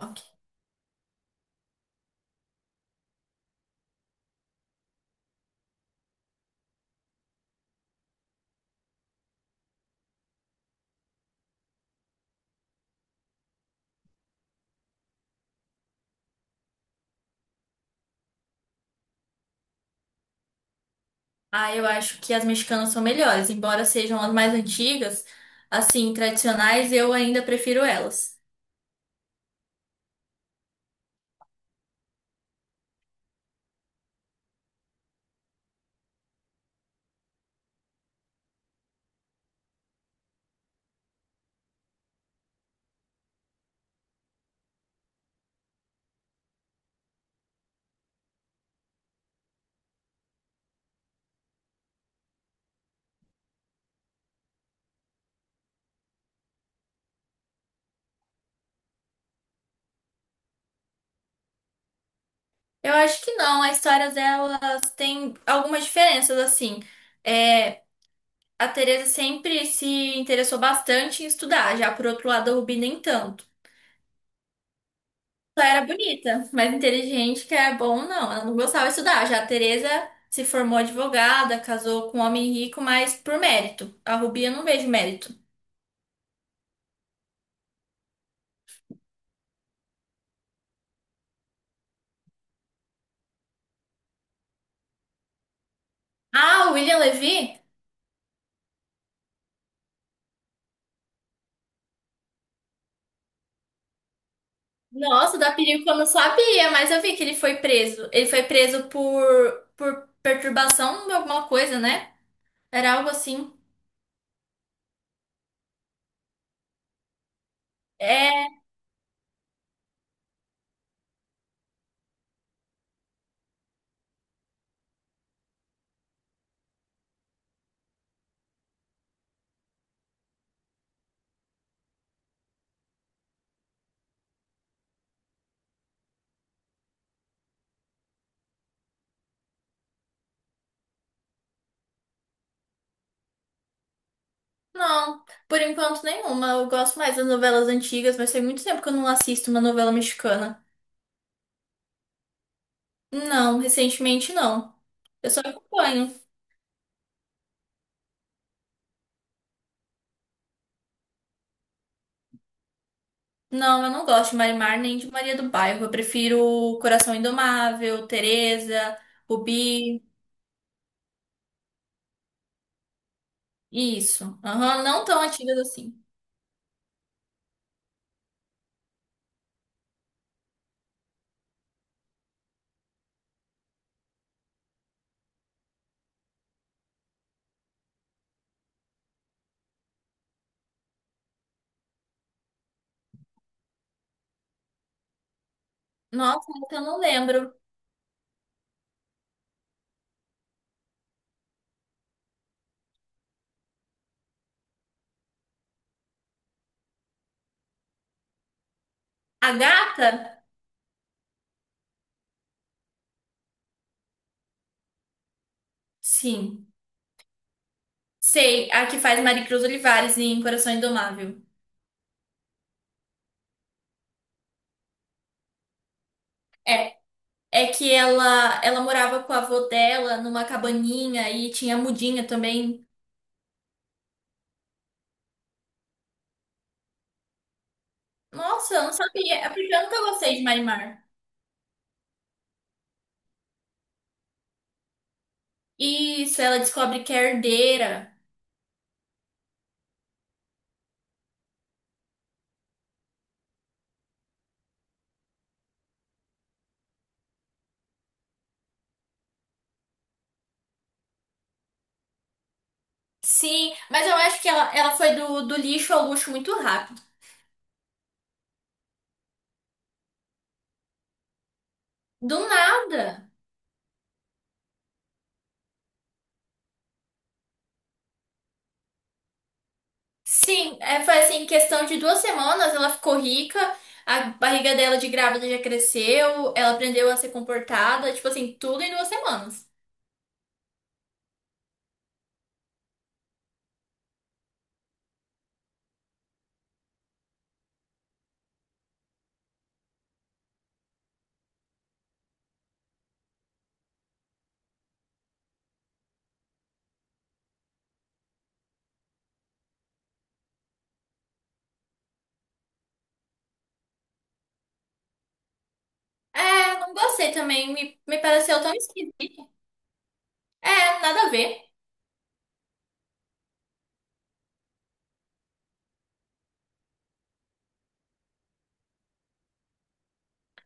Rock. Ah, eu acho que as mexicanas são melhores, embora sejam as mais antigas, assim, tradicionais, eu ainda prefiro elas. Eu acho que não, as histórias delas têm algumas diferenças, assim. É, a Teresa sempre se interessou bastante em estudar, já por outro lado, a Rubi nem tanto. Ela era bonita, mas inteligente, que é bom, não. Ela não gostava de estudar. Já a Teresa se formou advogada, casou com um homem rico, mas por mérito. A Rubi eu não vejo mérito. Ah, o William Levy? Nossa, da perícia eu não sabia, mas eu vi que ele foi preso. Ele foi preso por perturbação de alguma coisa, né? Era algo assim. É, não, por enquanto nenhuma. Eu gosto mais das novelas antigas, mas tem muito tempo que eu não assisto uma novela mexicana. Não, recentemente não. Eu só acompanho. Não, eu não gosto de Marimar nem de Maria do Bairro. Eu prefiro Coração Indomável, Teresa, Rubi. Isso. Aham, não tão antigas assim. Nossa, essa eu não lembro. A gata? Sim. Sei, a que faz Maricruz Olivares em Coração Indomável. É, é que ela morava com a avó dela numa cabaninha e tinha mudinha também. Nossa, eu não sabia. É porque eu nunca gostei de Marimar. Isso, ela descobre que é herdeira. Sim, mas eu acho que ela foi do lixo ao luxo muito rápido. Do nada. Sim, é, foi assim, em questão de duas semanas ela ficou rica, a barriga dela de grávida já cresceu, ela aprendeu a ser comportada, tipo assim, tudo em duas semanas. É, não gostei também, me pareceu tão esquisito. É, nada a ver.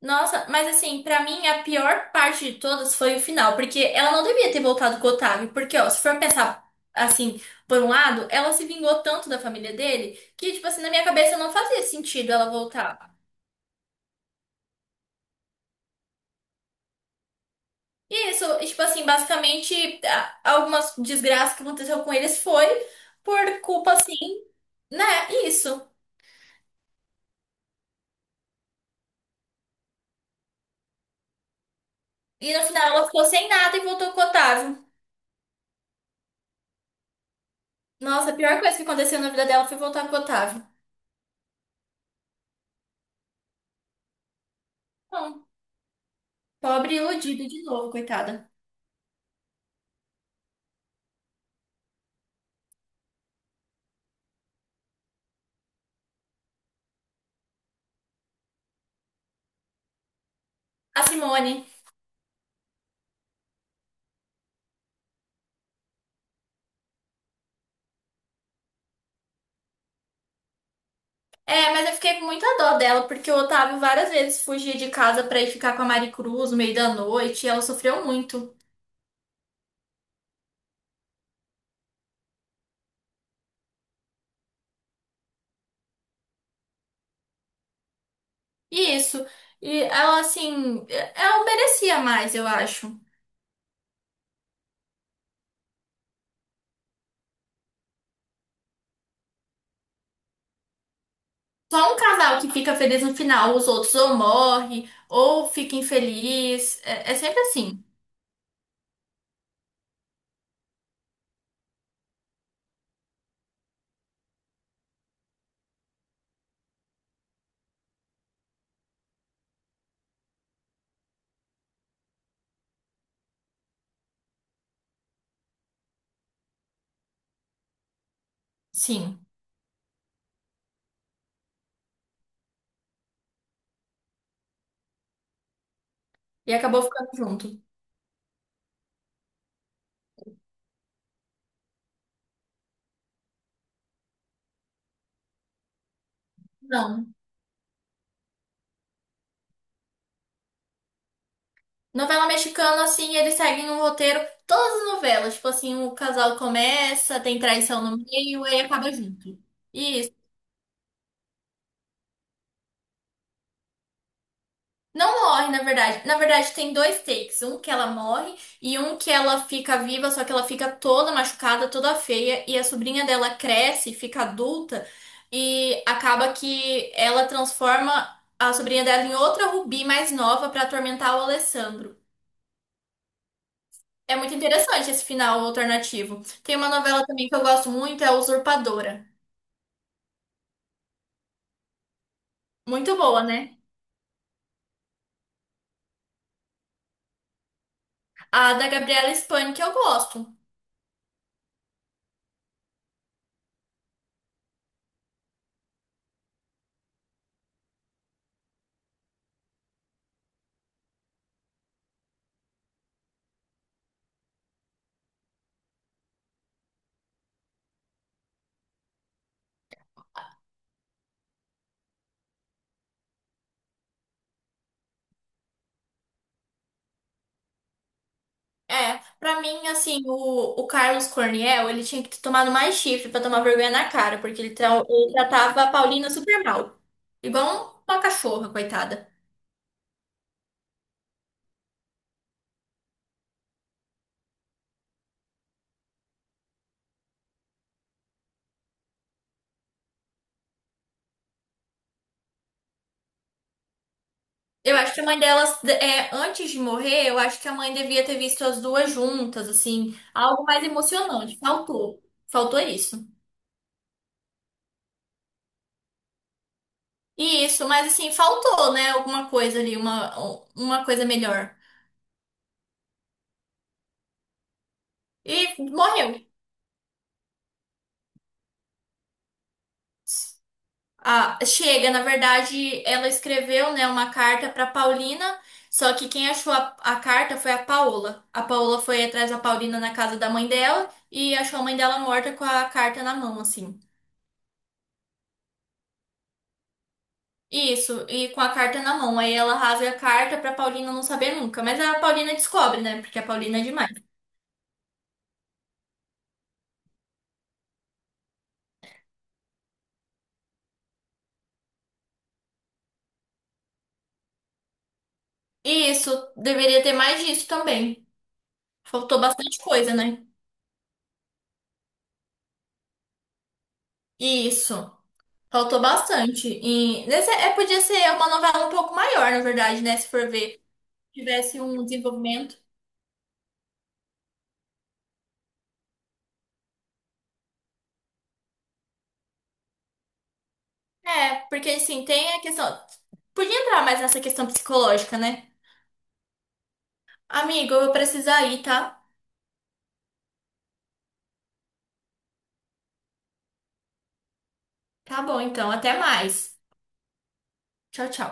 Nossa, mas assim, pra mim a pior parte de todas foi o final, porque ela não devia ter voltado com o Otávio, porque ó, se for pensar assim, por um lado, ela se vingou tanto da família dele que, tipo assim, na minha cabeça não fazia sentido ela voltar. Isso, e, tipo assim, basicamente, algumas desgraças que aconteceu com eles foi por culpa, assim, né? Isso. E no final ela ficou sem nada e voltou com o Otávio. Nossa, a pior coisa que aconteceu na vida dela foi voltar com o Otávio. Não, pobre e iludida de novo, coitada. A Simone. É, mas eu fiquei com muita dó dela, porque o Otávio várias vezes fugia de casa pra ir ficar com a Mari Cruz no meio da noite, e ela sofreu muito. E isso. E ela, assim, é, ela merecia mais, eu acho. Só um casal que fica feliz no final, os outros ou morre, ou fica infeliz. É, é sempre assim. Sim. E acabou ficando junto. Não. Novela mexicana, assim, eles seguem um roteiro, todas as novelas. Tipo assim, o casal começa, tem traição no meio, aí acaba junto. Isso. Não morre, na verdade. Na verdade, tem dois takes. Um que ela morre e um que ela fica viva, só que ela fica toda machucada, toda feia. E a sobrinha dela cresce, fica adulta e acaba que ela transforma a sobrinha dela em outra Rubi mais nova pra atormentar o Alessandro. É muito interessante esse final alternativo. Tem uma novela também que eu gosto muito, é a Usurpadora. Muito boa, né? A da Gabriela Spani que eu gosto. É, pra mim, assim, o Carlos Corniel, ele tinha que ter tomado mais chifre pra tomar vergonha na cara, porque ele, ele tratava a Paulina super mal. Igual uma cachorra, coitada. Eu acho que a mãe delas, é, antes de morrer, eu acho que a mãe devia ter visto as duas juntas, assim, algo mais emocionante. Faltou. Faltou isso. E isso, mas assim, faltou, né? Alguma coisa ali, uma coisa melhor. E morreu. Ah, chega, na verdade, ela escreveu, né, uma carta para Paulina, só que quem achou a carta foi a Paola. A Paola foi atrás da Paulina na casa da mãe dela e achou a mãe dela morta com a carta na mão, assim. Isso, e com a carta na mão. Aí ela rasga a carta pra Paulina não saber nunca. Mas a Paulina descobre, né? Porque a Paulina é demais. Isso, deveria ter mais disso também. Faltou bastante coisa, né? Isso. Faltou bastante. E nesse, é, podia ser uma novela um pouco maior, na verdade, né? Se for ver, tivesse um desenvolvimento. É, porque assim, tem a questão. Podia entrar mais nessa questão psicológica, né? Amigo, eu vou precisar ir, tá? Tá bom, então. Até mais. Tchau, tchau.